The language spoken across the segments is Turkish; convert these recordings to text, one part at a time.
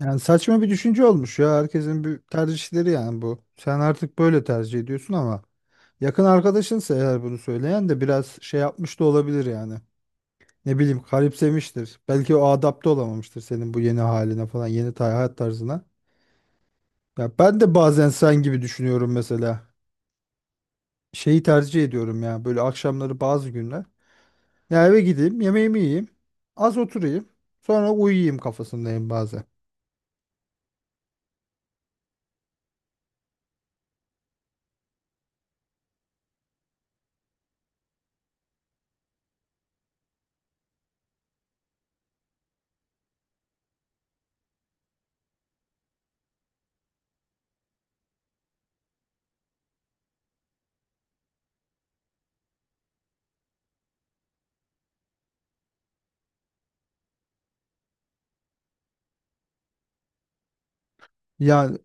Yani saçma bir düşünce olmuş ya. Herkesin bir tercihleri yani bu. Sen artık böyle tercih ediyorsun ama yakın arkadaşınsa eğer bunu söyleyen de biraz şey yapmış da olabilir yani. Ne bileyim garipsemiştir. Belki o adapte olamamıştır senin bu yeni haline falan, yeni hayat tarzına. Ya ben de bazen sen gibi düşünüyorum mesela. Şeyi tercih ediyorum ya böyle akşamları bazı günler. Ya eve gideyim, yemeğimi yiyeyim, az oturayım, sonra uyuyayım kafasındayım bazen. Yani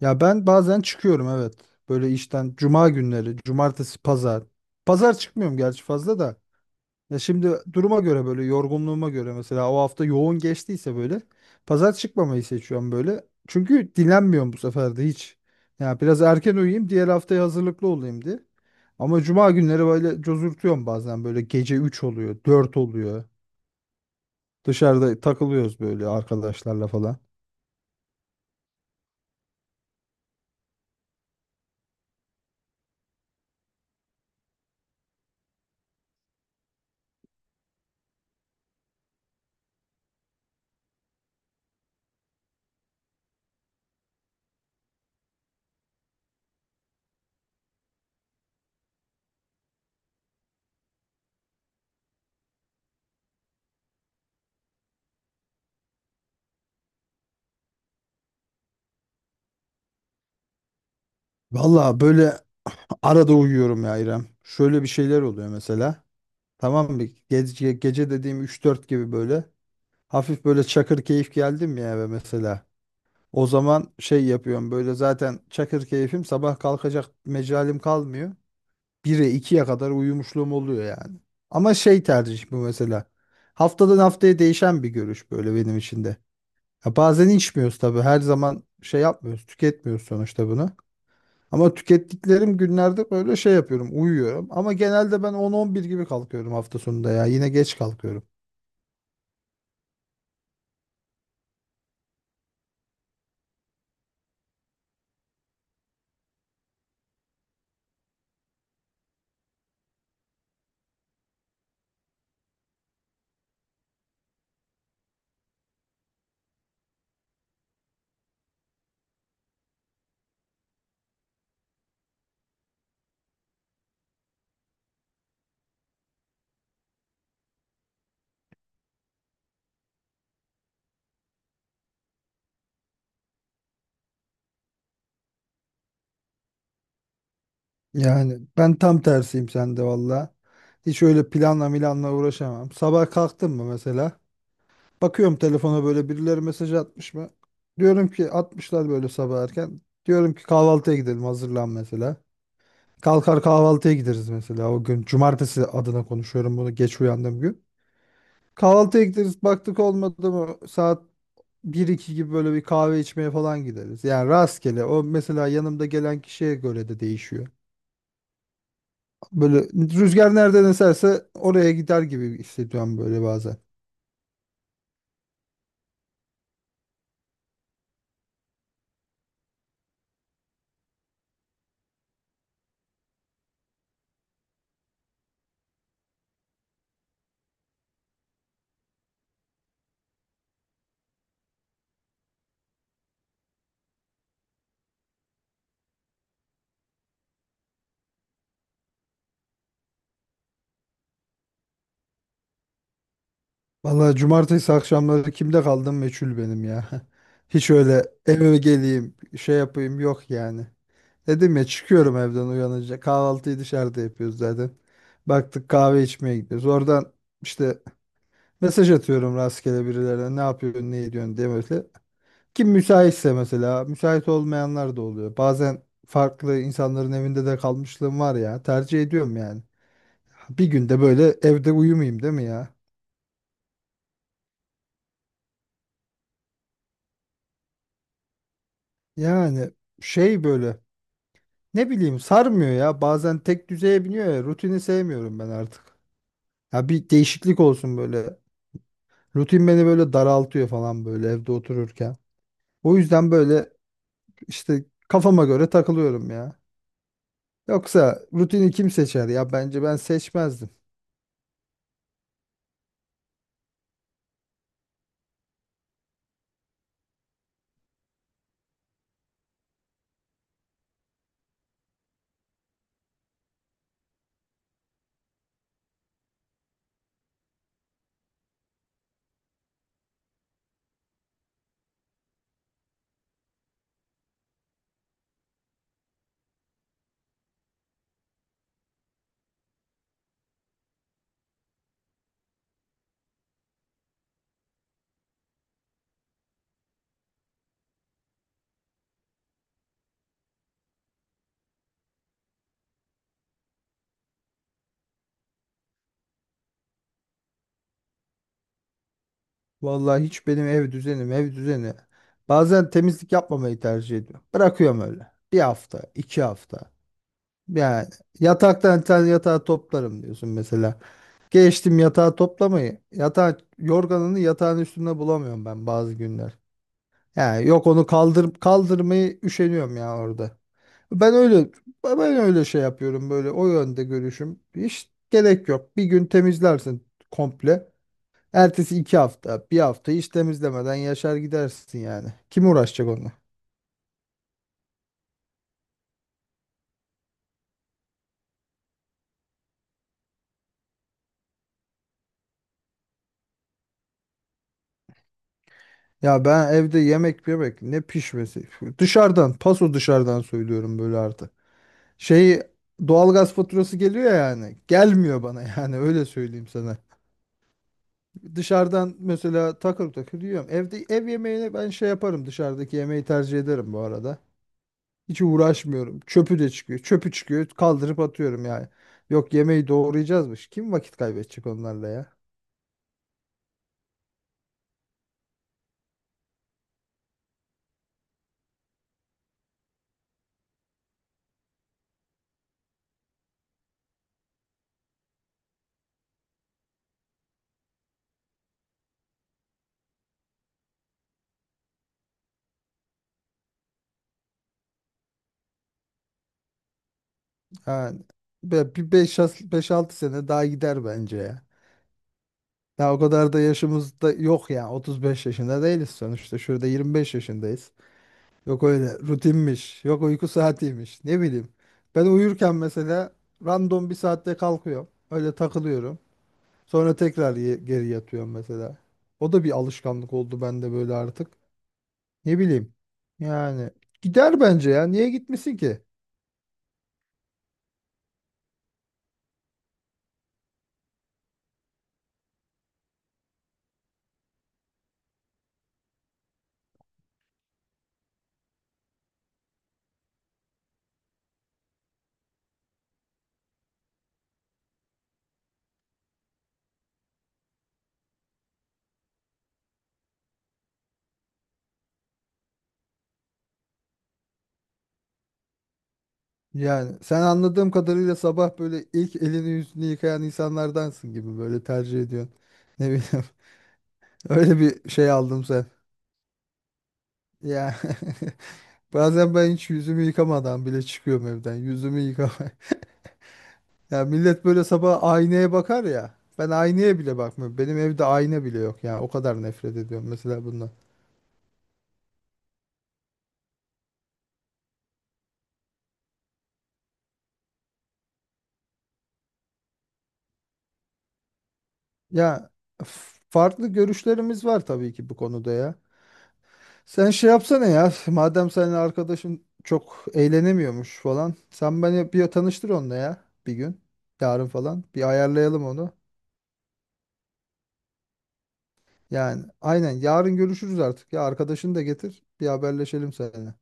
ya ben bazen çıkıyorum, evet. Böyle işten cuma günleri, cumartesi, pazar. Pazar çıkmıyorum gerçi fazla da. Ya şimdi duruma göre böyle, yorgunluğuma göre mesela, o hafta yoğun geçtiyse böyle pazar çıkmamayı seçiyorum böyle. Çünkü dinlenmiyorum bu sefer de hiç. Ya biraz erken uyuyayım, diğer haftaya hazırlıklı olayım diye. Ama cuma günleri böyle cozurtuyorum bazen, böyle gece 3 oluyor, 4 oluyor. Dışarıda takılıyoruz böyle arkadaşlarla falan. Valla böyle arada uyuyorum ya İrem. Şöyle bir şeyler oluyor mesela. Tamam mı? Gece, gece dediğim 3-4 gibi böyle. Hafif böyle çakır keyif geldim ya eve mesela. O zaman şey yapıyorum böyle, zaten çakır keyfim, sabah kalkacak mecalim kalmıyor. 1'e 2'ye kadar uyumuşluğum oluyor yani. Ama şey, tercih bu mesela. Haftadan haftaya değişen bir görüş böyle benim için de. Ya bazen içmiyoruz tabii, her zaman şey yapmıyoruz, tüketmiyoruz sonuçta bunu. Ama tükettiklerim günlerde böyle şey yapıyorum, uyuyorum. Ama genelde ben 10-11 gibi kalkıyorum hafta sonunda ya. Yine geç kalkıyorum. Yani ben tam tersiyim sende valla. Hiç öyle planla milanla uğraşamam. Sabah kalktım mı mesela? Bakıyorum telefona, böyle birileri mesaj atmış mı? Diyorum ki atmışlar böyle sabah erken. Diyorum ki kahvaltıya gidelim, hazırlan mesela. Kalkar kahvaltıya gideriz mesela o gün. Cumartesi adına konuşuyorum bunu, geç uyandığım gün. Kahvaltıya gideriz, baktık olmadı mı, saat 1-2 gibi böyle bir kahve içmeye falan gideriz. Yani rastgele o, mesela yanımda gelen kişiye göre de değişiyor. Böyle rüzgar nereden eserse oraya gider gibi hissediyorum böyle bazen. Vallahi cumartesi akşamları kimde kaldım meçhul benim ya. Hiç öyle eve geleyim şey yapayım yok yani. Dedim ya, çıkıyorum evden uyanınca, kahvaltıyı dışarıda yapıyoruz zaten. Baktık kahve içmeye gidiyoruz. Oradan işte mesaj atıyorum rastgele birilerine, ne yapıyorsun ne ediyorsun diye böyle. Kim müsaitse mesela, müsait olmayanlar da oluyor. Bazen farklı insanların evinde de kalmışlığım var ya, tercih ediyorum yani. Bir günde böyle evde uyumayayım değil mi ya? Yani şey, böyle ne bileyim, sarmıyor ya bazen, tek düzeye biniyor ya, rutini sevmiyorum ben artık. Ya bir değişiklik olsun böyle. Rutin beni böyle daraltıyor falan, böyle evde otururken. O yüzden böyle işte kafama göre takılıyorum ya. Yoksa rutini kim seçer ya, bence ben seçmezdim. Vallahi hiç benim ev düzenim, ev düzeni. Bazen temizlik yapmamayı tercih ediyorum. Bırakıyorum öyle. Bir hafta, iki hafta. Yani yataktan sen yatağı toplarım diyorsun mesela. Geçtim yatağı toplamayı. Yatağı, yorganını yatağın üstünde bulamıyorum ben bazı günler. Yani yok onu kaldır, kaldırmayı üşeniyorum ya orada. Ben öyle ben öyle şey yapıyorum böyle, o yönde görüşüm. Hiç gerek yok. Bir gün temizlersin komple. Ertesi iki hafta, bir hafta hiç temizlemeden yaşar gidersin yani. Kim uğraşacak onunla? Ya ben evde yemek yemek ne pişmesi. Dışarıdan, paso dışarıdan söylüyorum böyle artık. Şey, doğalgaz faturası geliyor ya yani. Gelmiyor bana yani öyle söyleyeyim sana. Dışarıdan mesela takır takır yiyorum. Evde ev yemeğini ben şey yaparım, dışarıdaki yemeği tercih ederim bu arada. Hiç uğraşmıyorum. Çöpü de çıkıyor. Çöpü çıkıyor. Kaldırıp atıyorum yani. Yok yemeği doğrayacağızmış. Kim vakit kaybedecek onlarla ya? Yani bir 5-6 sene daha gider bence ya. Daha o kadar da yaşımız da yok ya. 35 yaşında değiliz sonuçta. Şurada 25 yaşındayız. Yok öyle rutinmiş. Yok uyku saatiymiş. Ne bileyim. Ben uyurken mesela random bir saatte kalkıyorum. Öyle takılıyorum. Sonra tekrar geri yatıyorum mesela. O da bir alışkanlık oldu bende böyle artık. Ne bileyim. Yani gider bence ya. Niye gitmesin ki? Yani sen anladığım kadarıyla sabah böyle ilk elini yüzünü yıkayan insanlardansın gibi böyle tercih ediyorsun. Ne bileyim. Öyle bir şey aldım sen. Ya bazen ben hiç yüzümü yıkamadan bile çıkıyorum evden. Yüzümü yıkama. Ya millet böyle sabah aynaya bakar ya. Ben aynaya bile bakmıyorum. Benim evde ayna bile yok ya. O kadar nefret ediyorum mesela bundan. Ya farklı görüşlerimiz var tabii ki bu konuda ya. Sen şey yapsana ya. Madem senin arkadaşın çok eğlenemiyormuş falan. Sen beni bir tanıştır onunla ya bir gün. Yarın falan. Bir ayarlayalım onu. Yani aynen, yarın görüşürüz artık. Ya arkadaşını da getir. Bir haberleşelim seninle.